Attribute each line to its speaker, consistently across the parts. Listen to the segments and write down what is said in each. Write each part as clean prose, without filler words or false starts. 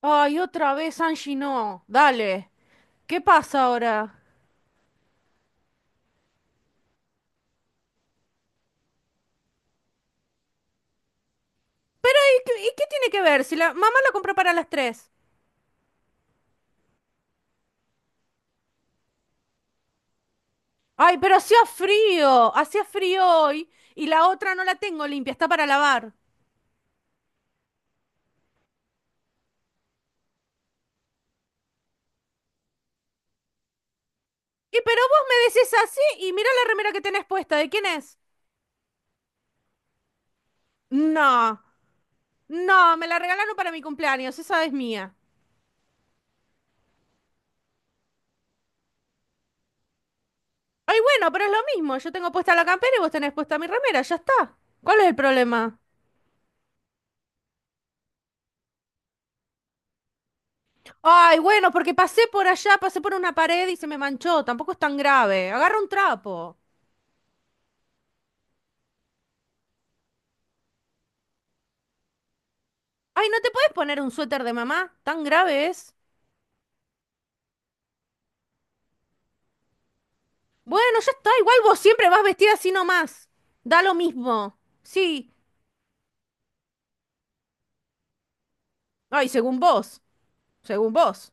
Speaker 1: Ay, otra vez Angie no. Dale. ¿Qué pasa ahora? Pero, ¿y qué tiene que ver? Si la mamá la compró para las tres. Ay, pero hacía frío. Hacía frío hoy y la otra no la tengo limpia, está para lavar. Y pero vos me decís así y mira la remera que tenés puesta. ¿De quién es? No. No, me la regalaron para mi cumpleaños, esa es mía. Ay, bueno, pero es lo mismo, yo tengo puesta la campera y vos tenés puesta mi remera, ya está. ¿Cuál es el problema? Ay, bueno, porque pasé por allá, pasé por una pared y se me manchó. Tampoco es tan grave. Agarra un trapo. Ay, ¿no te puedes poner un suéter de mamá? ¿Tan grave es? Bueno, ya está. Igual vos siempre vas vestida así nomás. Da lo mismo. Sí. Ay, según vos. Según vos.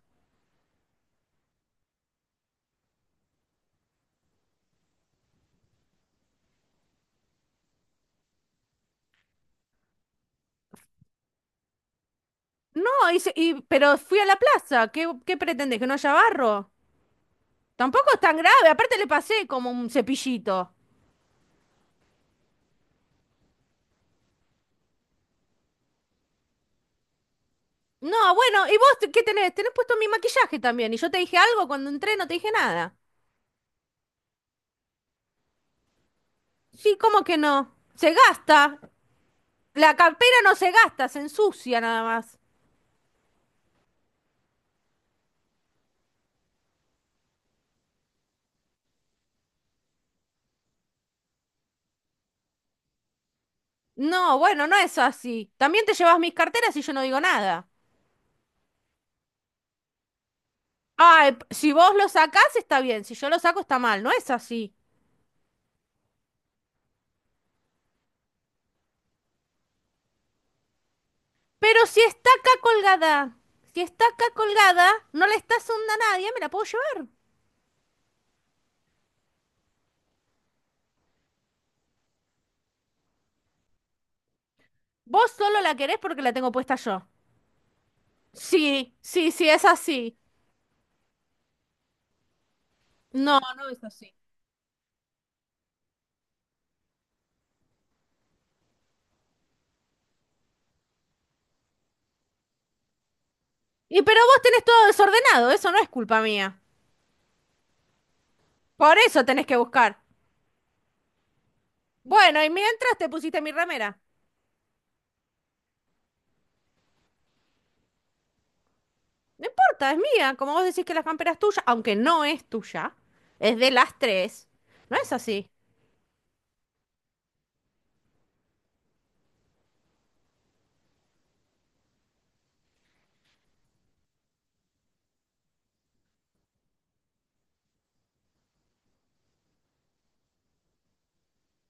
Speaker 1: No, hice, y, pero fui a la plaza. ¿Qué pretendés? ¿Que no haya barro? Tampoco es tan grave. Aparte le pasé como un cepillito. No, bueno, ¿y vos qué tenés? Tenés puesto mi maquillaje también. Y yo te dije algo cuando entré, no te dije nada. Sí, ¿cómo que no? Se gasta. La cartera no se gasta, se ensucia nada más. No, bueno, no es así. También te llevas mis carteras y yo no digo nada. Ay, si vos lo sacás está bien, si yo lo saco está mal, no es así. Pero si está acá colgada, si está acá colgada, no le estás onda a nadie, me la puedo llevar. Vos solo la querés porque la tengo puesta yo. Sí, sí, sí, es así. No, no es así. Y pero vos tenés todo desordenado, eso no es culpa mía. Por eso tenés que buscar. Bueno, y mientras te pusiste mi remera. No importa, es mía. Como vos decís que la campera es tuya, aunque no es tuya, es de las tres. No es así.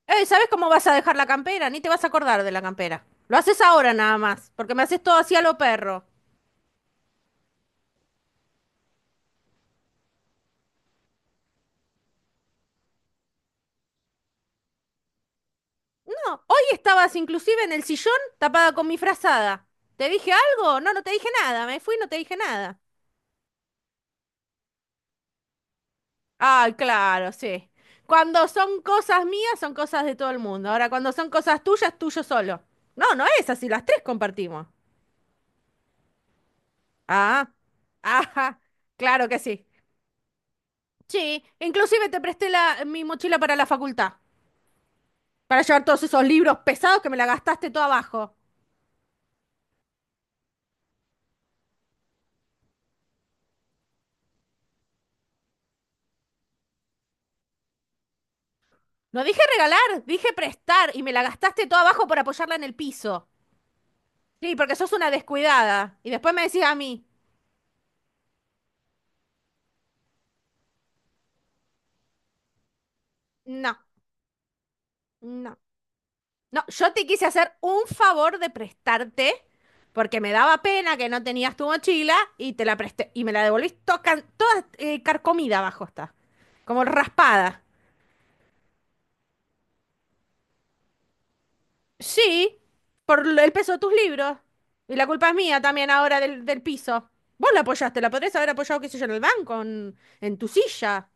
Speaker 1: ¿Sabes cómo vas a dejar la campera? Ni te vas a acordar de la campera. Lo haces ahora nada más, porque me haces todo así a lo perro. No, hoy estabas inclusive en el sillón tapada con mi frazada. ¿Te dije algo? No, no te dije nada. Me fui y no te dije nada. Ah, claro, sí. Cuando son cosas mías, son cosas de todo el mundo. Ahora, cuando son cosas tuyas, tuyo solo. No, no es así, las tres compartimos. Ah, ajá, claro que sí. Sí, inclusive te presté mi mochila para la facultad, para llevar todos esos libros pesados que me la gastaste todo abajo. No dije regalar, dije prestar y me la gastaste todo abajo por apoyarla en el piso. Sí, porque sos una descuidada. Y después me decís a mí, no, no. No, yo te quise hacer un favor de prestarte, porque me daba pena que no tenías tu mochila y te la presté y me la devolviste toda, carcomida abajo está, como raspada. Sí, por el peso de tus libros. Y la culpa es mía también ahora del piso. Vos la apoyaste, la podrías haber apoyado, qué sé yo, en el banco, en tu silla.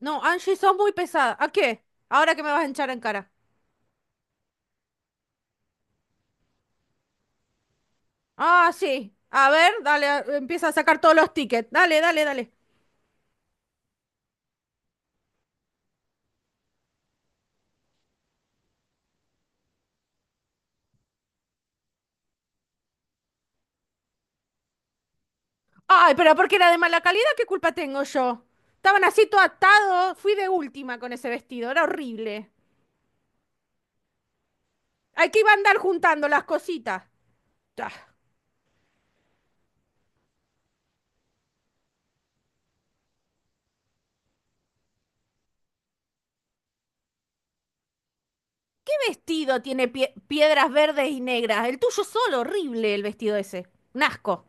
Speaker 1: No, Angie, sos muy pesada. ¿A qué? Ahora que me vas a hinchar en cara. Ah, sí. A ver, dale, empieza a sacar todos los tickets. Dale, dale, dale. Ay, pero porque era de mala calidad, ¿qué culpa tengo yo? Estaban así todo atado, fui de última con ese vestido, era horrible. Hay que iba a andar juntando las cositas. Ah, ¿qué vestido tiene piedras verdes y negras? El tuyo solo, horrible el vestido ese. Un asco.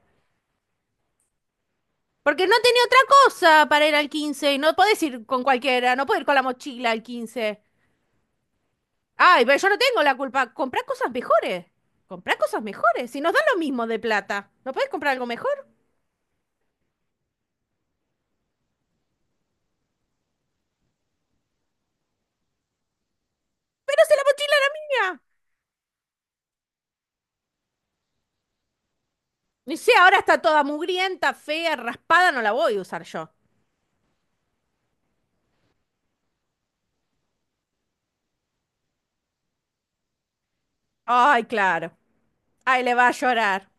Speaker 1: Porque no tenía otra cosa para ir al 15 y no podés ir con cualquiera, no podés ir con la mochila al 15. Ay, pero yo no tengo la culpa. Comprá cosas mejores. Comprá cosas mejores. Si nos dan lo mismo de plata, ¿no podés comprar algo mejor? Pero si la mochila era mía. Y si ahora está toda mugrienta, fea, raspada, no la voy a usar yo. Ay, claro. Ay, le va a llorar.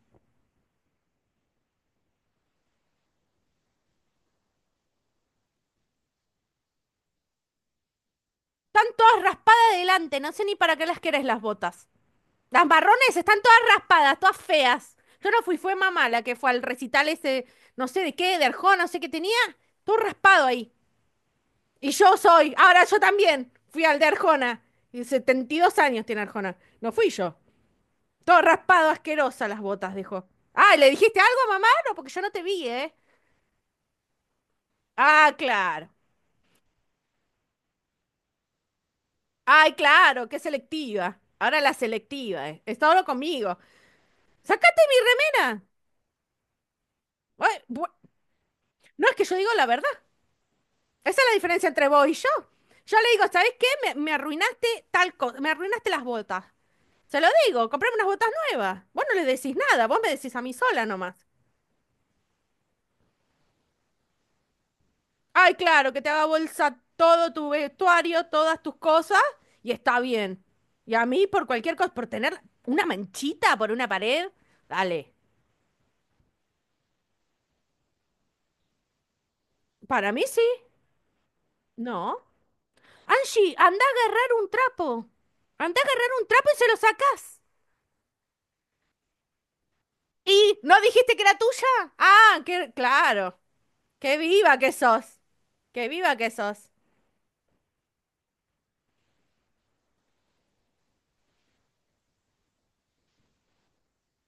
Speaker 1: Están todas raspadas adelante, no sé ni para qué las querés las botas. Las marrones están todas raspadas, todas feas. Yo no fui, fue mamá la que fue al recital ese, no sé de qué, de Arjona, no sé qué tenía. Todo raspado ahí. Y yo soy, ahora yo también fui al de Arjona. Y 72 años tiene Arjona. No fui yo. Todo raspado, asquerosa las botas, dijo. Ah, ¿le dijiste algo a mamá? No, porque yo no te vi, ¿eh? Ah, claro. Ay, claro, qué selectiva. Ahora la selectiva, eh. Está ahora conmigo. ¡Sácate mi remera! Ay, no es que yo digo la verdad. Esa es la diferencia entre vos y yo. Yo le digo, ¿sabes qué? Me arruinaste tal cosa, me arruinaste las botas. Se lo digo, comprame unas botas nuevas. Vos no le decís nada, vos me decís a mí sola nomás. Ay, claro, que te haga bolsa todo tu vestuario, todas tus cosas, y está bien. Y a mí, por cualquier cosa, por tener una manchita por una pared, dale. Para mí sí. No. Angie, anda a agarrar un trapo. Anda a agarrar un trapo y se lo sacás. ¿Y no dijiste que era tuya? Ah, que, claro. Qué viva que sos. Qué viva que sos.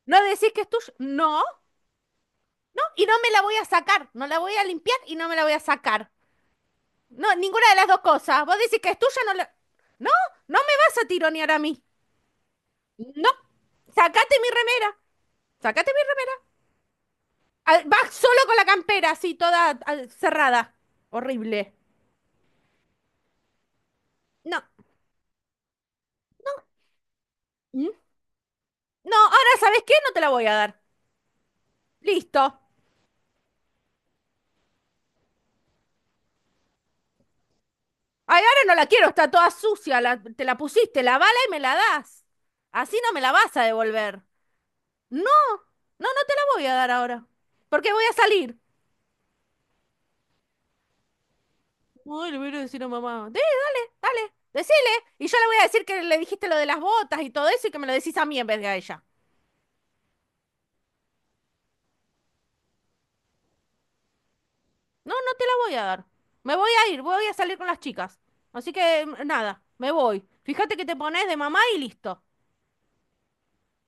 Speaker 1: ¿No decís que es tuya? No. No, y no me la voy a sacar. No la voy a limpiar y no me la voy a sacar. No, ninguna de las dos cosas. Vos decís que es tuya, no la... No, no me vas a tironear a mí. No. Sacate mi remera. Sacate mi remera. Ah, va solo con la campera, así, toda ah, cerrada. Horrible. No. ¿Mm? No, ahora, ¿sabes qué? No te la voy a dar. Listo. Ay, ahora no la quiero, está toda sucia. La- te la pusiste, lavala y me la das. Así no me la vas a devolver. No, no, no te la voy a dar ahora. Porque voy a salir. Ay, le voy a ir a decir a mamá. Dale, decile. Y yo le voy a decir que le dijiste lo de las botas y todo eso y que me lo decís a mí en vez de a ella. No, no te la voy a dar. Me voy a ir, voy a salir con las chicas. Así que mm, nada, me voy. Fíjate que te pones de mamá y listo.